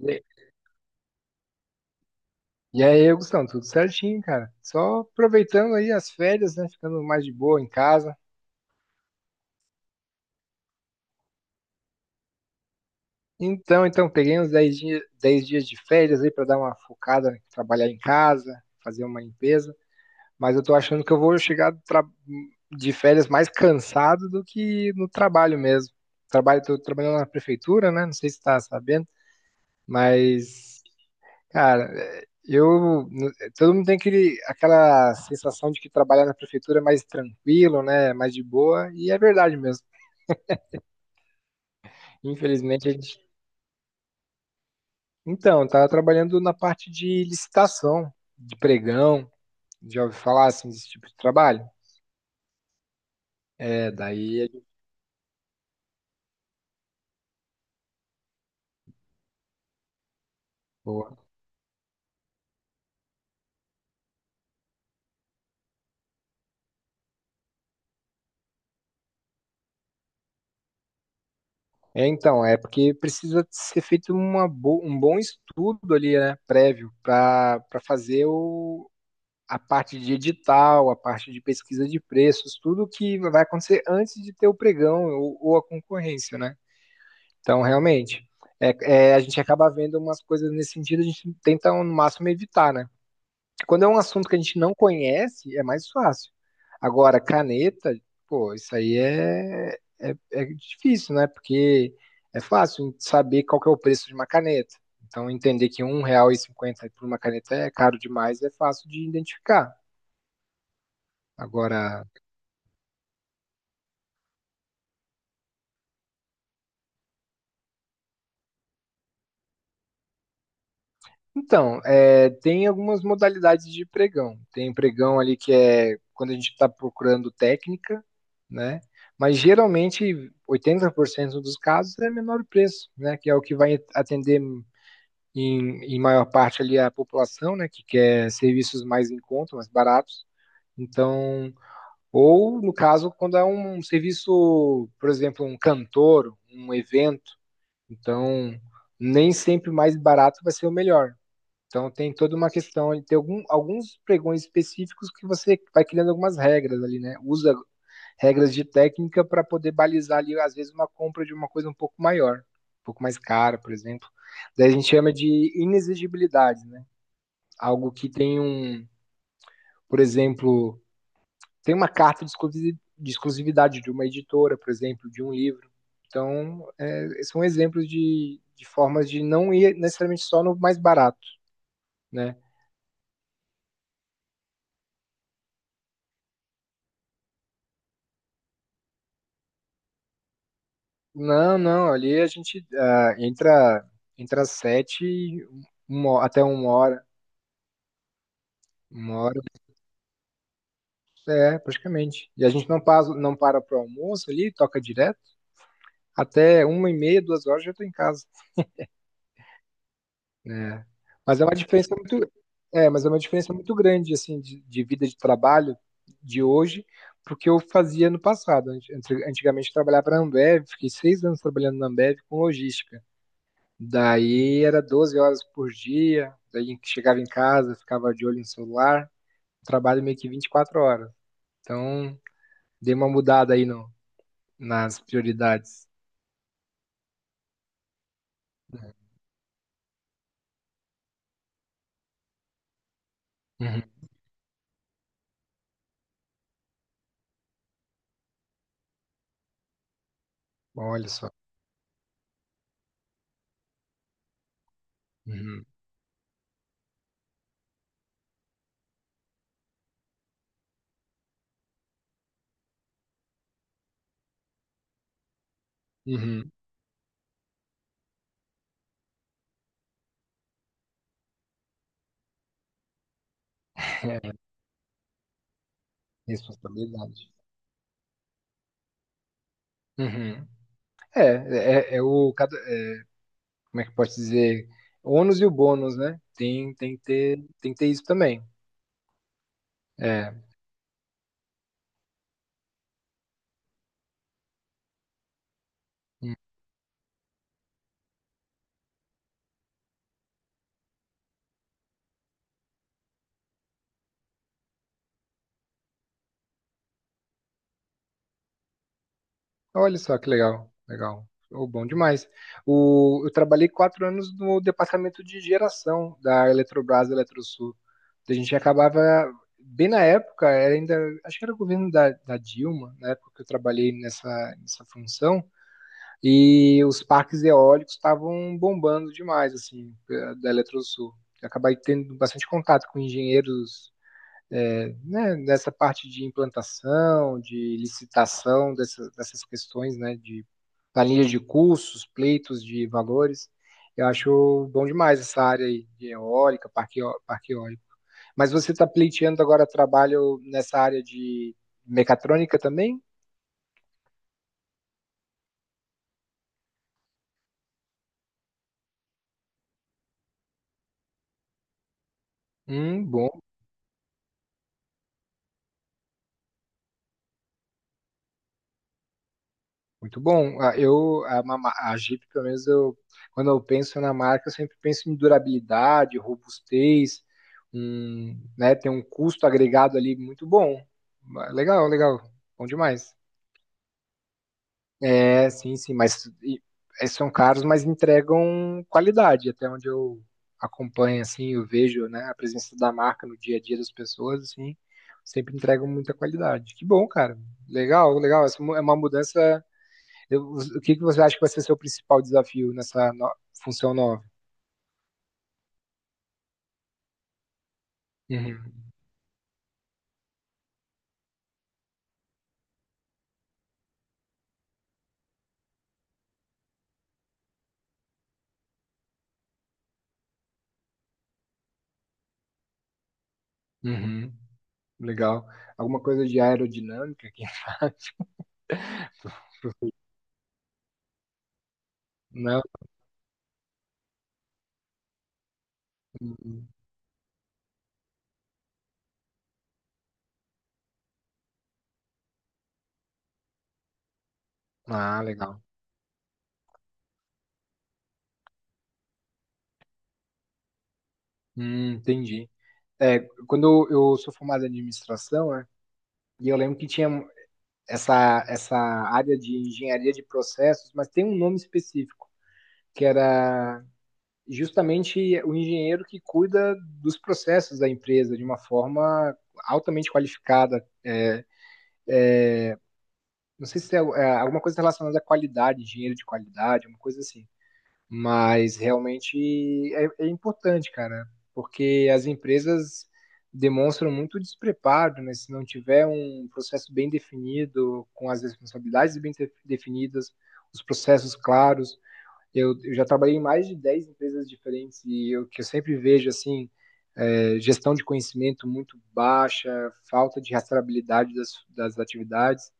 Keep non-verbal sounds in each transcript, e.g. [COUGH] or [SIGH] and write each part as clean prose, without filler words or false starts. E e aí, Augustão, tudo certinho, cara? Só aproveitando aí as férias, né? Ficando mais de boa em casa. Então, peguei uns dez dias de férias aí para dar uma focada, né? Trabalhar em casa, fazer uma limpeza. Mas eu tô achando que eu vou chegar de férias mais cansado do que no trabalho mesmo. Tô trabalhando na prefeitura, né? Não sei se tá sabendo, mas cara, é, eu. No- todo mundo tem aquela sensação de que trabalhar na prefeitura é mais tranquilo, né? Mais de boa, e é verdade mesmo. Infelizmente, a gente. Então, eu tava trabalhando na parte de licitação, de pregão, já ouvi falar assim desse tipo de trabalho? É, daí é de boa. É, então, é porque precisa ser feito um bom estudo ali, né, prévio, para fazer a parte de edital, a parte de pesquisa de preços, tudo que vai acontecer antes de ter o pregão ou a concorrência, né? Então, realmente, a gente acaba vendo umas coisas nesse sentido, a gente tenta no máximo evitar, né? Quando é um assunto que a gente não conhece, é mais fácil. Agora, caneta, pô, isso aí é difícil, né? Porque é fácil saber qual que é o preço de uma caneta. Então, entender que R$ 1,50 por uma caneta é caro demais é fácil de identificar. Agora, então, tem algumas modalidades de pregão. Tem pregão ali que é quando a gente está procurando técnica, né? Mas geralmente 80% dos casos é menor preço, né? Que é o que vai atender em maior parte ali a população, né? Que quer serviços mais em conta, mais baratos. Então, ou no caso, quando é um serviço, por exemplo, um cantor, um evento, então nem sempre o mais barato vai ser o melhor. Então tem toda uma questão de ter alguns pregões específicos que você vai criando algumas regras ali, né? Usa regras de técnica para poder balizar ali, às vezes, uma compra de uma coisa um pouco maior, um pouco mais cara, por exemplo. Daí a gente chama de inexigibilidade, né? Algo por exemplo, tem uma carta de exclusividade de uma editora, por exemplo, de um livro. Então, são exemplos de formas de não ir necessariamente só no mais barato, né? Não, não, ali a gente entra às 7h, até uma hora, é, praticamente. E a gente não passa, não para pro almoço ali, toca direto, até 1h30, 2h já tô em casa, né? Mas é uma diferença muito, mas é uma diferença muito grande, assim, de vida de trabalho de hoje pro que eu fazia no passado. Antigamente eu trabalhava na Ambev, fiquei 6 anos trabalhando na Ambev com logística. Daí era 12 horas por dia, daí chegava em casa, ficava de olho no celular, trabalho meio que 24 horas. Então, dei uma mudada aí no, nas prioridades. Uhum. Olha só. Uhum. Uhum. Responsabilidade. Uhum. É, é, é é o, cada- é, como é que pode dizer? O ônus e o bônus, né? Tem que ter isso também. É. Olha só que legal, legal. Oh, bom demais. O, eu trabalhei 4 anos no departamento de geração da Eletrobras Eletrosul. A gente acabava, bem na época, era ainda, acho que era o governo da Dilma, na época que eu trabalhei nessa função, e os parques eólicos estavam bombando demais, assim, da Eletrosul. Eu acabei tendo bastante contato com engenheiros né, nessa parte de implantação, de licitação dessas questões, né, de planilha de cursos, pleitos de valores. Eu acho bom demais essa área aí de eólica, parque eólico. Mas você está pleiteando agora trabalho nessa área de mecatrônica também? Bom. Muito bom. Ah, a Jeep, pelo menos, quando eu penso na marca, eu sempre penso em durabilidade, robustez, né, tem um custo agregado ali muito bom. Ah, legal, legal. Bom demais. É, sim, sim, são caros, mas entregam qualidade, até onde eu acompanho, assim, eu vejo, né, a presença da marca no dia a dia das pessoas, assim, sempre entregam muita qualidade. Que bom, cara. Legal, legal. Essa mu- é uma mudança eu, o que, que você acha que vai ser seu principal desafio nessa no- função nova? Uhum, uhum, legal. Alguma coisa de aerodinâmica aqui? [LAUGHS] Não? Uhum. Ah, legal. Entendi. É, quando eu sou formado em administração, né, e eu lembro que tinha essa área de engenharia de processos, mas tem um nome específico, que era justamente o engenheiro que cuida dos processos da empresa de uma forma altamente qualificada. é, Não sei se tem alguma coisa relacionada à qualidade, dinheiro de qualidade, uma coisa assim. Mas realmente é importante, cara, porque as empresas demonstram muito despreparo, né? Se não tiver um processo bem definido, com as responsabilidades bem definidas, os processos claros. Eu já trabalhei em mais de 10 empresas diferentes e o que eu sempre vejo, assim, gestão de conhecimento muito baixa, falta de rastreabilidade das atividades.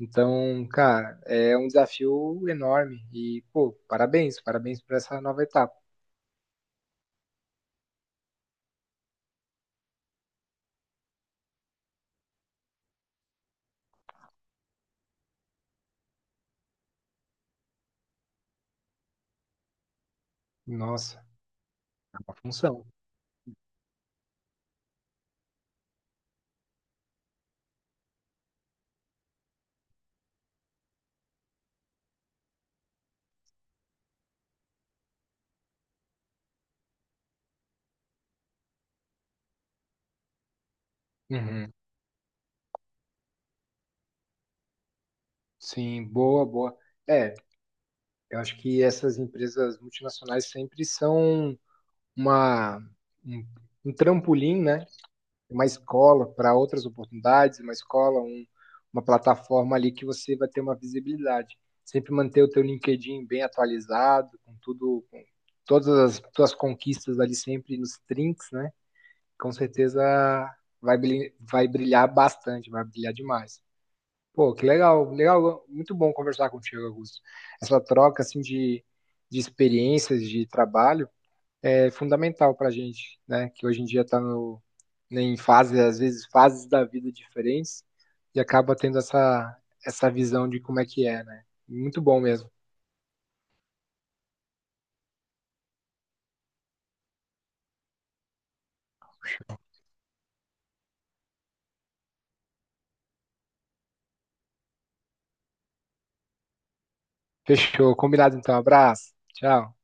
Então, cara, é um desafio enorme. E, pô, parabéns, parabéns por essa nova etapa. Nossa, é uma função. Uhum. Sim, boa, boa. É, eu acho que essas empresas multinacionais sempre são uma, um, um trampolim, né? Uma escola para outras oportunidades, uma escola, uma plataforma ali que você vai ter uma visibilidade. Sempre manter o teu LinkedIn bem atualizado, com tudo, com todas as tuas conquistas ali sempre nos trinks, né? Com certeza vai brilhar bastante, vai brilhar demais. Pô, que legal, legal, muito bom conversar contigo, Augusto. Essa troca assim de experiências de trabalho é fundamental para a gente, né? Que hoje em dia está em fases, às vezes fases da vida diferentes e acaba tendo essa visão de como é que é, né? Muito bom mesmo. Fechou, combinado então, abraço, tchau.